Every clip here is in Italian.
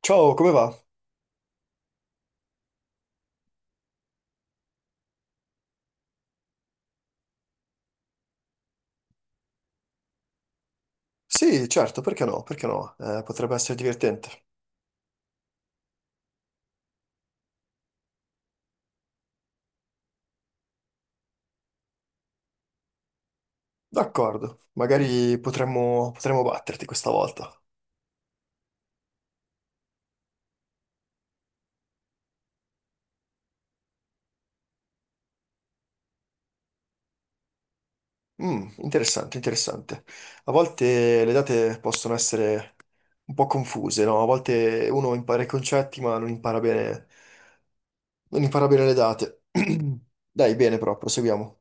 Ciao, come va? Sì, certo, perché no? Perché no? Potrebbe essere divertente. D'accordo, magari potremmo batterti questa volta. Mm, interessante, interessante. A volte le date possono essere un po' confuse, no? A volte uno impara i concetti ma non impara bene le date. Dai, bene, però, proseguiamo.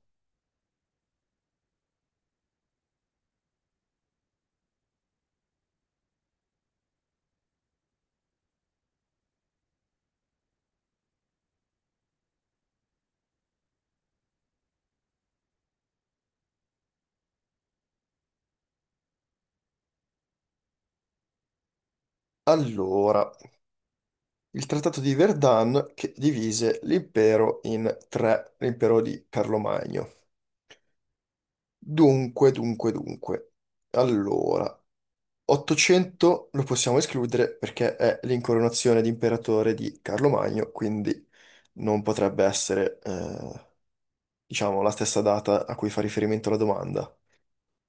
Allora, il Trattato di Verdun che divise l'impero in tre, l'impero di Carlo Magno. Dunque. Allora, 800 lo possiamo escludere perché è l'incoronazione di imperatore di Carlo Magno, quindi non potrebbe essere, diciamo, la stessa data a cui fa riferimento la domanda.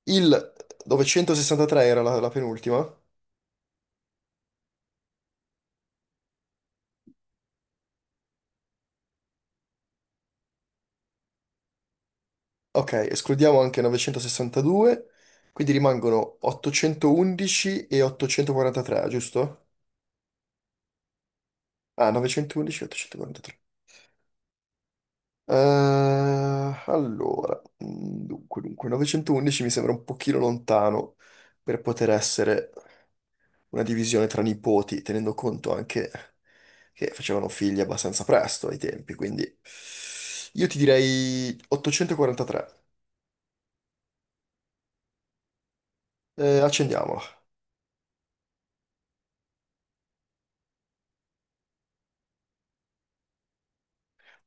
Il 963 era la penultima. Ok, escludiamo anche 962, quindi rimangono 811 e 843, giusto? Ah, 911 e 843. Allora, 911 mi sembra un pochino lontano per poter essere una divisione tra nipoti, tenendo conto anche che facevano figli abbastanza presto ai tempi, quindi io ti direi 843. Accendiamola.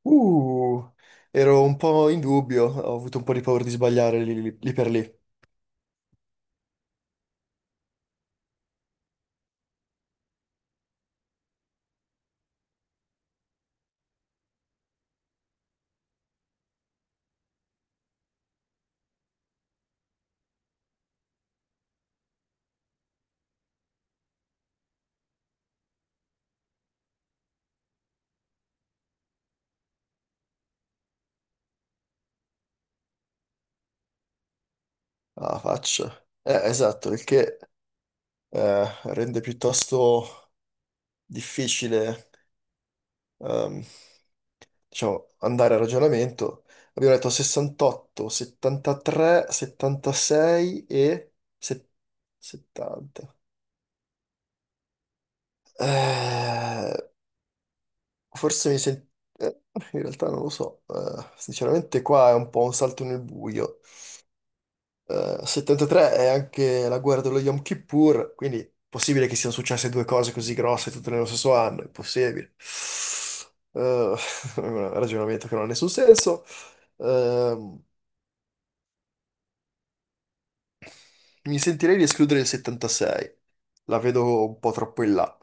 Uh, ero un po' in dubbio, ho avuto un po' di paura di sbagliare lì per lì. Ah, faccia. Esatto, il che eh, rende piuttosto difficile, ehm, diciamo, andare a ragionamento. Abbiamo detto 68, 73, 76 e set- 70. Eh, forse mi sento. In realtà non lo so. Sinceramente qua è un po' un salto nel buio. 73 è anche la guerra dello Yom Kippur, quindi è possibile che siano successe due cose così grosse tutte nello stesso anno, è possibile. Eh, è un ragionamento che non ha nessun senso. Ehm, Mi sentirei di escludere il 76. La vedo un po' troppo in là.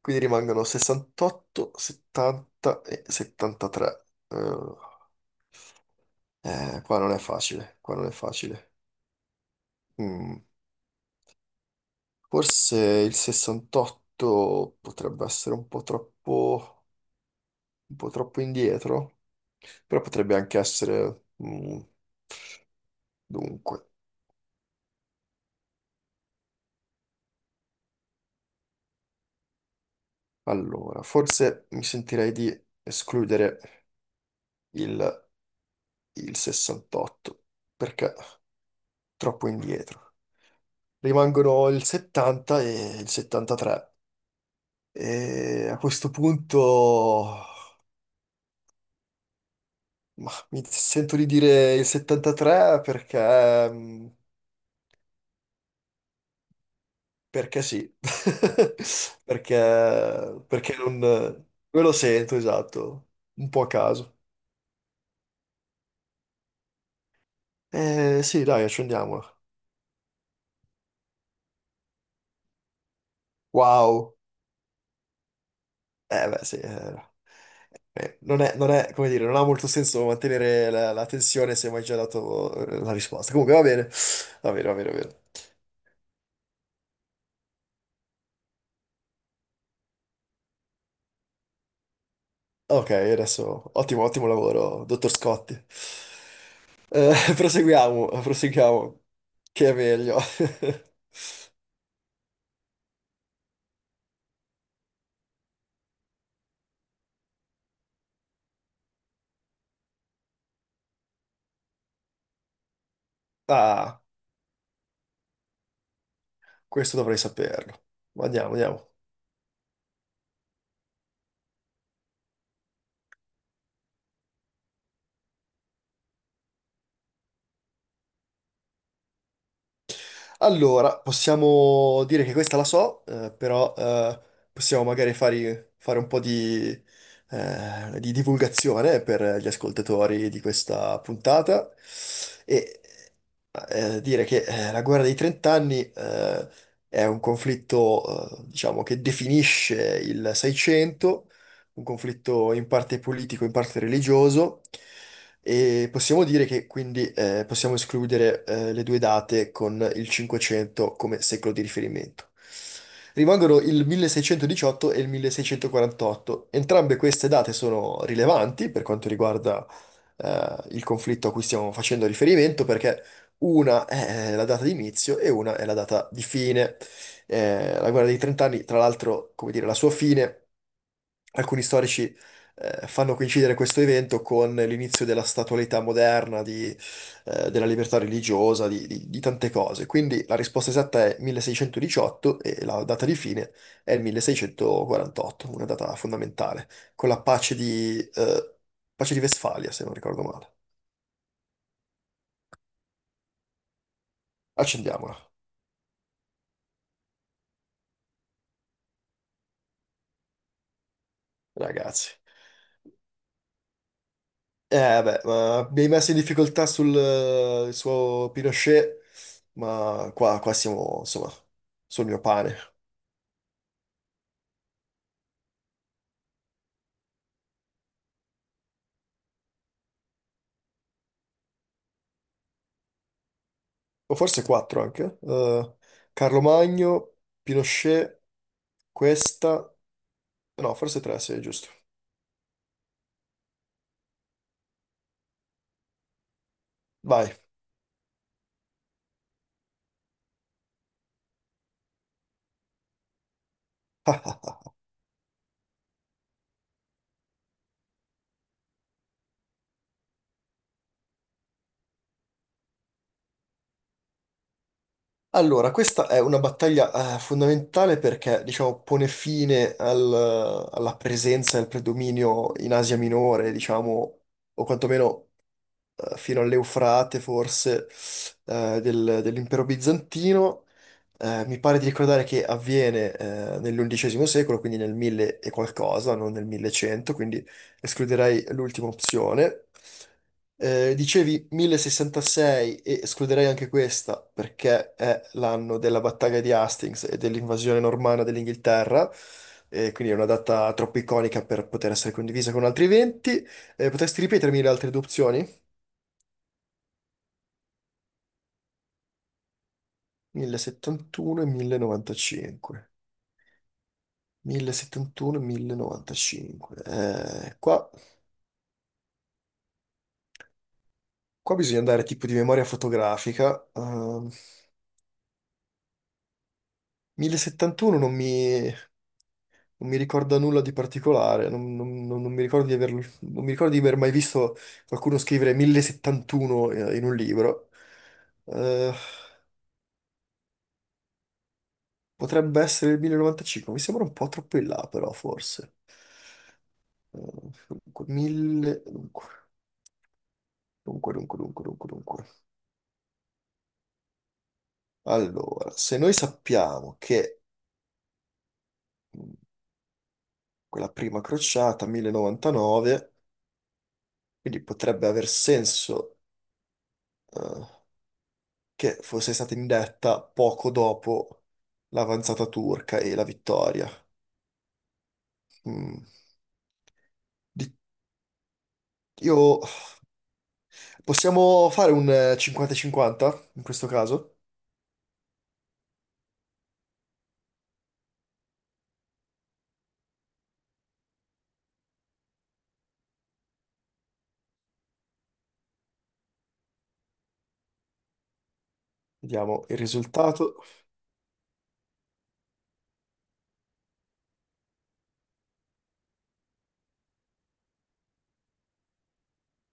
Quindi rimangono 68, 70 e 73. Qua non è facile, qua non è facile. Mm, Forse il 68 potrebbe essere un po' troppo indietro, però potrebbe anche essere. Dunque, allora, forse mi sentirei di escludere il il 68, perché troppo indietro. Rimangono il 70 e il 73. E a questo punto, ma mi sento di dire il 73 perché, perché sì, perché non me lo sento, esatto, un po' a caso. Sì, dai, accendiamola. Wow, eh beh sì. Non è, come dire, non ha molto senso mantenere la tensione se mi hai già dato, la risposta. Comunque va bene, va bene, va bene, va bene. Ok, adesso ottimo, ottimo lavoro, dottor Scotti. Proseguiamo, proseguiamo, che è meglio. Ah, questo dovrei saperlo. Andiamo, andiamo. Allora, possiamo dire che questa la so, però possiamo magari fare un po' di, divulgazione per gli ascoltatori di questa puntata, e dire che la guerra dei trent'anni è un conflitto, diciamo, che definisce il Seicento, un conflitto in parte politico, in parte religioso. E possiamo dire che quindi possiamo escludere le due date con il 500 come secolo di riferimento. Rimangono il 1618 e il 1648. Entrambe queste date sono rilevanti per quanto riguarda il conflitto a cui stiamo facendo riferimento, perché una è la data di inizio e una è la data di fine. La guerra dei trent'anni, tra l'altro, come dire, la sua fine, alcuni storici fanno coincidere questo evento con l'inizio della statualità moderna, di, della libertà religiosa, di tante cose. Quindi la risposta esatta è 1618 e la data di fine è il 1648, una data fondamentale, con la pace di Vestfalia, se non ricordo male. Accendiamola, ragazzi. Beh, ma mi hai messo in difficoltà sul il suo Pinochet. Ma qua siamo, insomma, sul mio pane. O forse quattro anche. Carlo Magno, Pinochet, questa. No, forse tre, sì, è giusto. Vai. Allora, questa è una battaglia fondamentale perché, diciamo, pone fine alla presenza e al predominio in Asia Minore, diciamo, o quantomeno fino all'Eufrate, forse, dell'impero bizantino. Mi pare di ricordare che avviene nell'undicesimo secolo, quindi nel 1000 e qualcosa, non nel 1100, quindi escluderei l'ultima opzione. Dicevi 1066, e escluderei anche questa perché è l'anno della battaglia di Hastings e dell'invasione normanna dell'Inghilterra, e quindi è una data troppo iconica per poter essere condivisa con altri eventi. Potresti ripetermi le altre due opzioni? 1071 e 1095. 1071 e 1095. Qua bisogna andare tipo di memoria fotografica. 1071 non mi ricorda nulla di particolare, non, non- non- non mi ricordo di averlo- non mi ricordo di aver mai visto qualcuno scrivere 1071 in un libro. Eh, potrebbe essere il 1095, mi sembra un po' troppo in là però, forse. Eh, Dunque, 1000. Dunque. Allora, se noi sappiamo che mh, quella prima crociata, 1099, quindi potrebbe aver senso eh, che fosse stata indetta poco dopo l'avanzata turca e la vittoria. Mm. Di- Io. Possiamo fare un 50-50 in questo caso? Vediamo il risultato.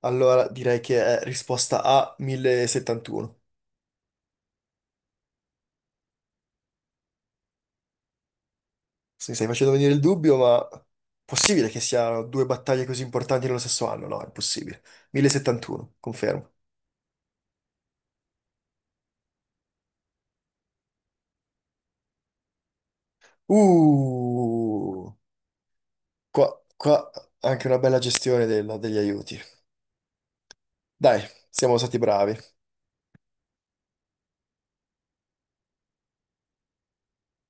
Allora, direi che è risposta A 1071. Mi stai facendo venire il dubbio, ma possibile che siano due battaglie così importanti nello stesso anno? No, è impossibile. 1071, confermo. Uh, qua, qua anche una bella gestione degli aiuti. Dai, siamo stati bravi.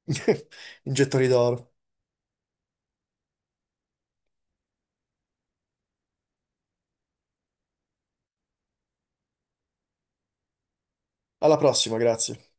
Iniettoni d'oro. Alla prossima, grazie.